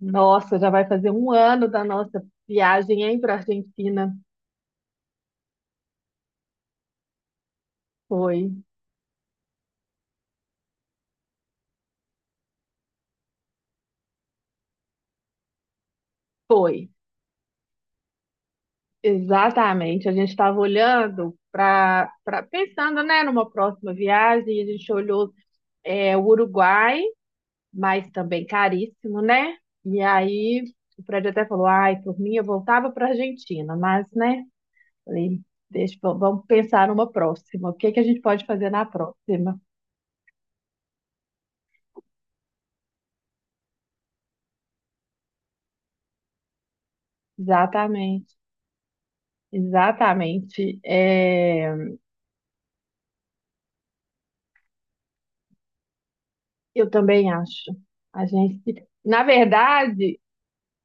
Nossa, já vai fazer um ano da nossa viagem, hein, para Argentina. Foi, foi. Exatamente. A gente estava olhando para, pensando, né, numa próxima viagem. A gente olhou o Uruguai, mas também caríssimo, né? E aí o prédio até falou, ai, por mim eu voltava para Argentina, mas, né? Falei, deixa, vamos pensar numa próxima. O que que a gente pode fazer na próxima? Exatamente. Exatamente. É, Eu também acho. A gente, na verdade,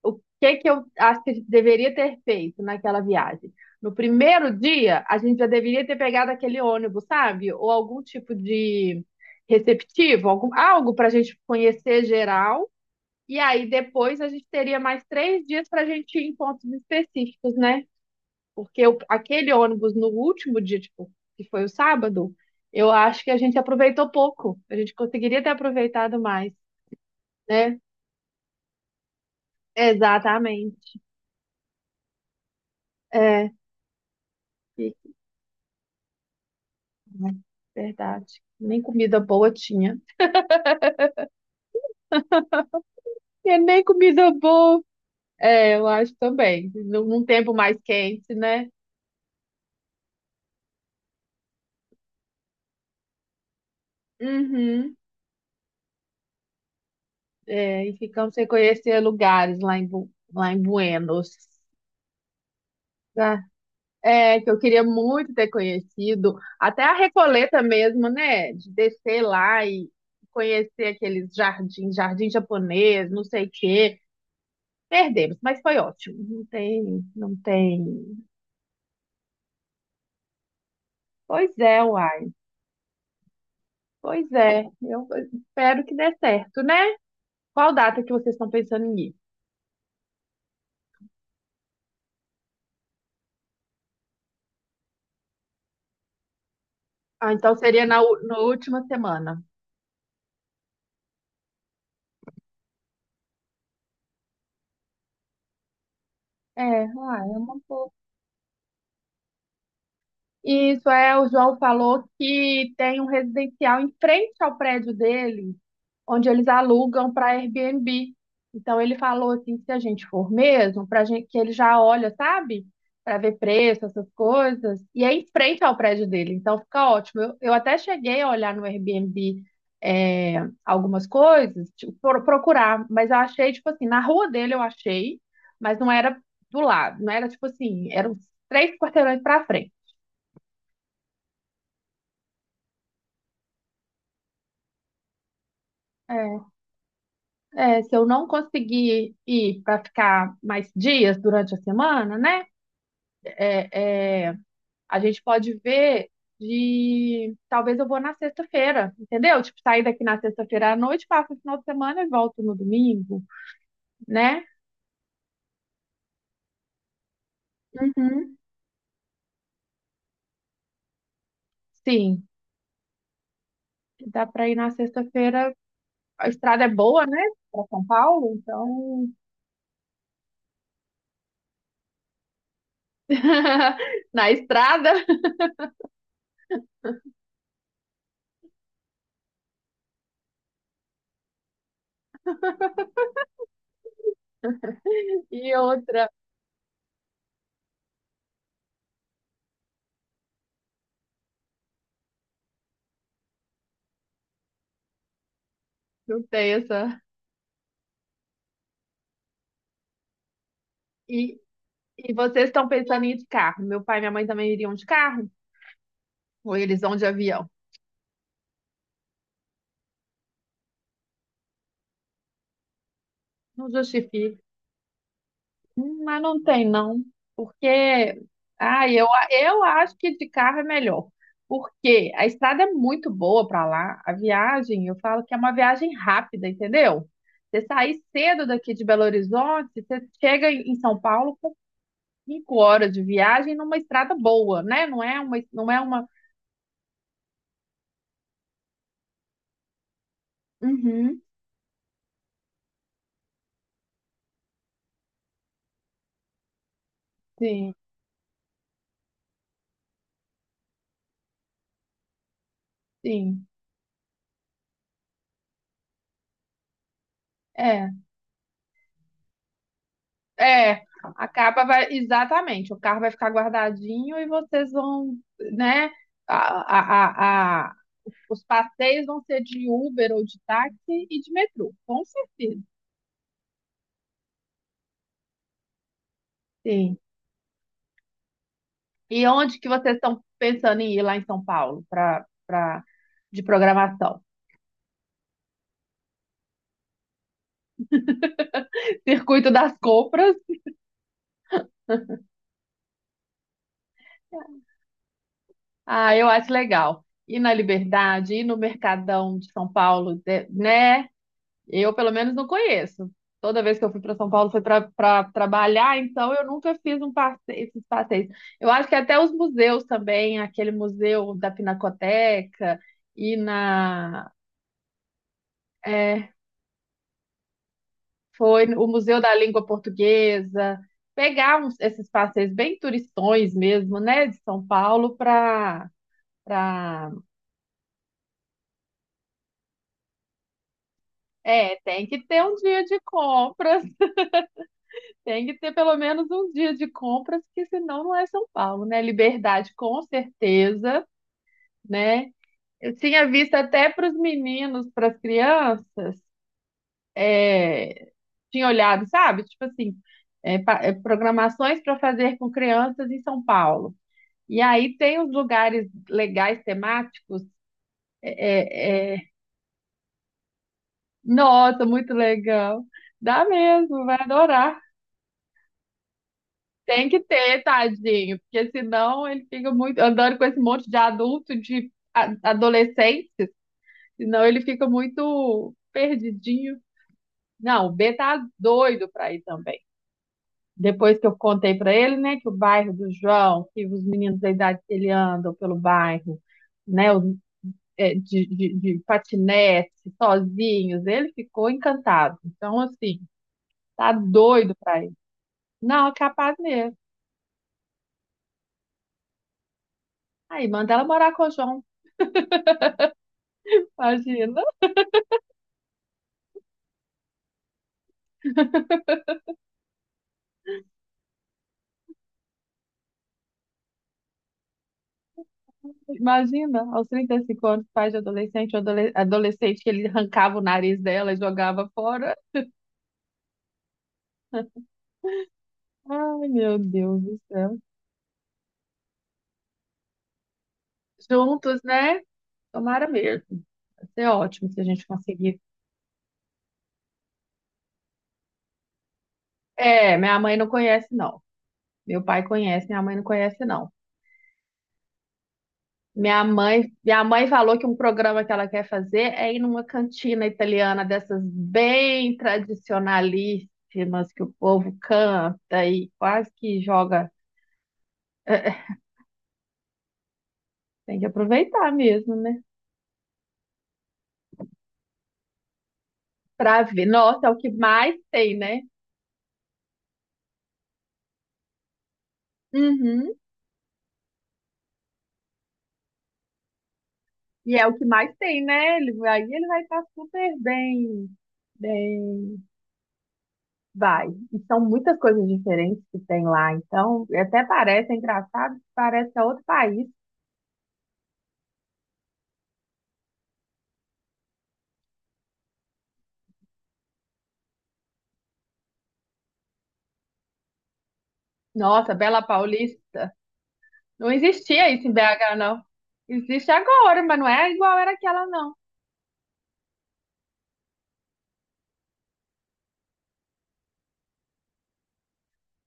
o que que eu acho que a gente deveria ter feito naquela viagem? No primeiro dia, a gente já deveria ter pegado aquele ônibus, sabe? Ou algum tipo de receptivo, algum, algo para a gente conhecer geral. E aí depois a gente teria mais três dias para a gente ir em pontos específicos, né? Porque aquele ônibus no último dia, tipo, que foi o sábado, eu acho que a gente aproveitou pouco. A gente conseguiria ter aproveitado mais né? Exatamente. É, e- né, verdade. Nem comida boa tinha. E nem comida boa. É, eu acho também. Num tempo mais quente, né? Uhum. É, e ficamos sem conhecer lugares lá em, lá em Buenos. Ah, é, que eu queria muito ter conhecido. Até a Recoleta mesmo, né? De descer lá e conhecer aqueles jardins, jardim japonês, não sei o quê. Perdemos, mas foi ótimo. Não tem. Pois é, uai. Pois é. Eu espero que dê certo, né? Qual data que vocês estão pensando em ir? Ah, então seria na, na última semana. É, uai, é uma boa. Isso é, o João falou que tem um residencial em frente ao prédio dele, onde eles alugam para Airbnb. Então ele falou assim, se a gente for mesmo, para gente que ele já olha, sabe? Para ver preço, essas coisas. E é em frente ao prédio dele, então fica ótimo. Eu até cheguei a olhar no Airbnb é, algumas coisas, tipo, procurar, mas eu achei, tipo assim, na rua dele eu achei, mas não era do lado, não era tipo assim, eram três quarteirões para frente. É, é, se eu não conseguir ir para ficar mais dias durante a semana, né? é, é, a gente pode ver de talvez eu vou na sexta-feira, entendeu? Tipo, sair daqui na sexta-feira à noite, passo o final de semana e volto no domingo, né? Uhum. Sim, dá para ir na sexta-feira. A estrada é boa, né? Para São Paulo, então na estrada e outra, não tem essa. E, e vocês estão pensando em ir de carro? Meu pai e minha mãe também iriam de carro? Ou eles vão de avião? Não justifica. Mas não tem, não. Porque, ah, eu acho que de carro é melhor. Porque a estrada é muito boa para lá. A viagem, eu falo que é uma viagem rápida, entendeu? Você sair cedo daqui de Belo Horizonte, você chega em São Paulo com cinco horas de viagem numa estrada boa, né? Não é uma. Uhum, sim, sim. É, é. A capa vai, exatamente, o carro vai ficar guardadinho e vocês vão, né? a, a, Os passeios vão ser de Uber ou de táxi e de metrô, com certeza. Sim. E onde que vocês estão pensando em ir lá em São Paulo para de programação? Circuito das compras. Ah, eu acho legal. Ir na Liberdade, ir no Mercadão de São Paulo, né? Eu, pelo menos, não conheço. Toda vez que eu fui para São Paulo foi para trabalhar, então eu nunca fiz um passeio, esses passeios. Eu acho que até os museus também, aquele museu da Pinacoteca e na é, foi o Museu da Língua Portuguesa, pegar esses passeios bem turistões mesmo, né, de São Paulo para é, tem que ter um dia de compras. Tem que ter pelo menos uns dias de compras, que senão não é São Paulo, né? Liberdade, com certeza, né? Eu tinha visto até para os meninos, para as crianças, é, tinha olhado, sabe? Tipo assim, é, programações para fazer com crianças em São Paulo. E aí tem os lugares legais, temáticos. É. Nossa, muito legal. Dá mesmo, vai adorar. Tem que ter, tadinho, porque senão ele fica muito andando com esse monte de adulto, de adolescente, senão ele fica muito perdidinho. Não, o B tá doido pra ir também. Depois que eu contei pra ele, né, que o bairro do João, que os meninos da idade que ele andam pelo bairro, né, de, de patinete, sozinhos, ele ficou encantado. Então, assim, tá doido pra ir. Não, é capaz mesmo. Aí, manda ela morar com o João, imagina. Imagina, aos 35 anos, pais de adolescente, ou adolescente que ele arrancava o nariz dela e jogava fora. Ai, meu Deus do céu. Juntos, né? Tomara mesmo. Vai ser ótimo se a gente conseguir. É, minha mãe não conhece, não. Meu pai conhece, minha mãe não conhece, não. Minha mãe falou que um programa que ela quer fazer é ir numa cantina italiana dessas bem tradicionalíssimas que o povo canta e quase que joga. Tem que aproveitar mesmo, né? Pra ver. Nossa, é o que mais tem, né? Uhum. E é o que mais tem, né? Ele vai, aí ele vai estar super bem, bem. Vai. E são muitas coisas diferentes que tem lá. Então, até parece é engraçado, parece que é outro país. Nossa, Bela Paulista. Não existia isso em BH, não. Existe agora, mas não é igual era aquela, não.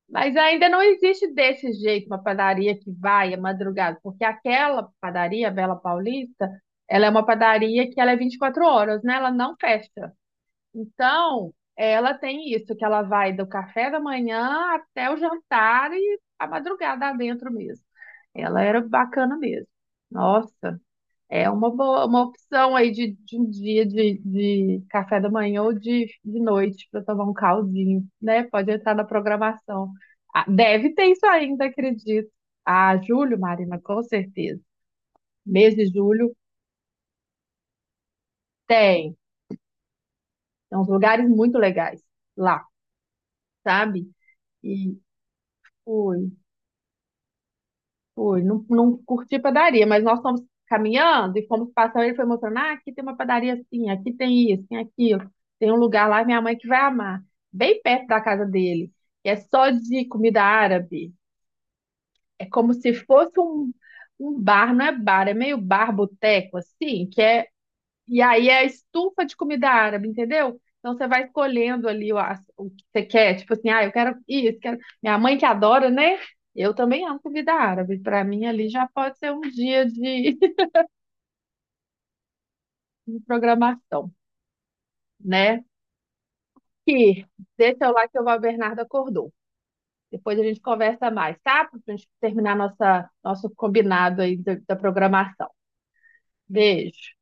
Mas ainda não existe desse jeito uma padaria que vai à madrugada, porque aquela padaria, a Bela Paulista, ela é uma padaria que ela é 24 horas, né? Ela não fecha. Então, ela tem isso, que ela vai do café da manhã até o jantar e a madrugada dentro mesmo. Ela era bacana mesmo. Nossa, é uma boa, uma opção aí de um dia de café da manhã ou de noite para tomar um caldinho, né? Pode entrar na programação. Ah, deve ter isso ainda, acredito. Ah, julho, Marina, com certeza. Mês de julho tem. Tem uns lugares muito legais lá, sabe? E fui. Fui, não, não curti padaria, mas nós fomos caminhando e fomos passando. Ele foi mostrando: ah, aqui tem uma padaria assim, aqui tem isso, tem aquilo. Tem um lugar lá, minha mãe que vai amar, bem perto da casa dele. E é só de comida árabe. É como se fosse um, um bar, não é bar, é meio bar boteco, assim, que é e aí é a estufa de comida árabe, entendeu? Então você vai escolhendo ali o que você quer, tipo assim, ah, eu quero isso, quero... Minha mãe que adora, né? Eu também amo comida árabe. Para mim ali já pode ser um dia de, de programação, né? Que deixa eu lá que o Val Bernardo acordou. Depois a gente conversa mais, tá? Pra gente terminar nossa, nosso combinado aí da programação. Beijo.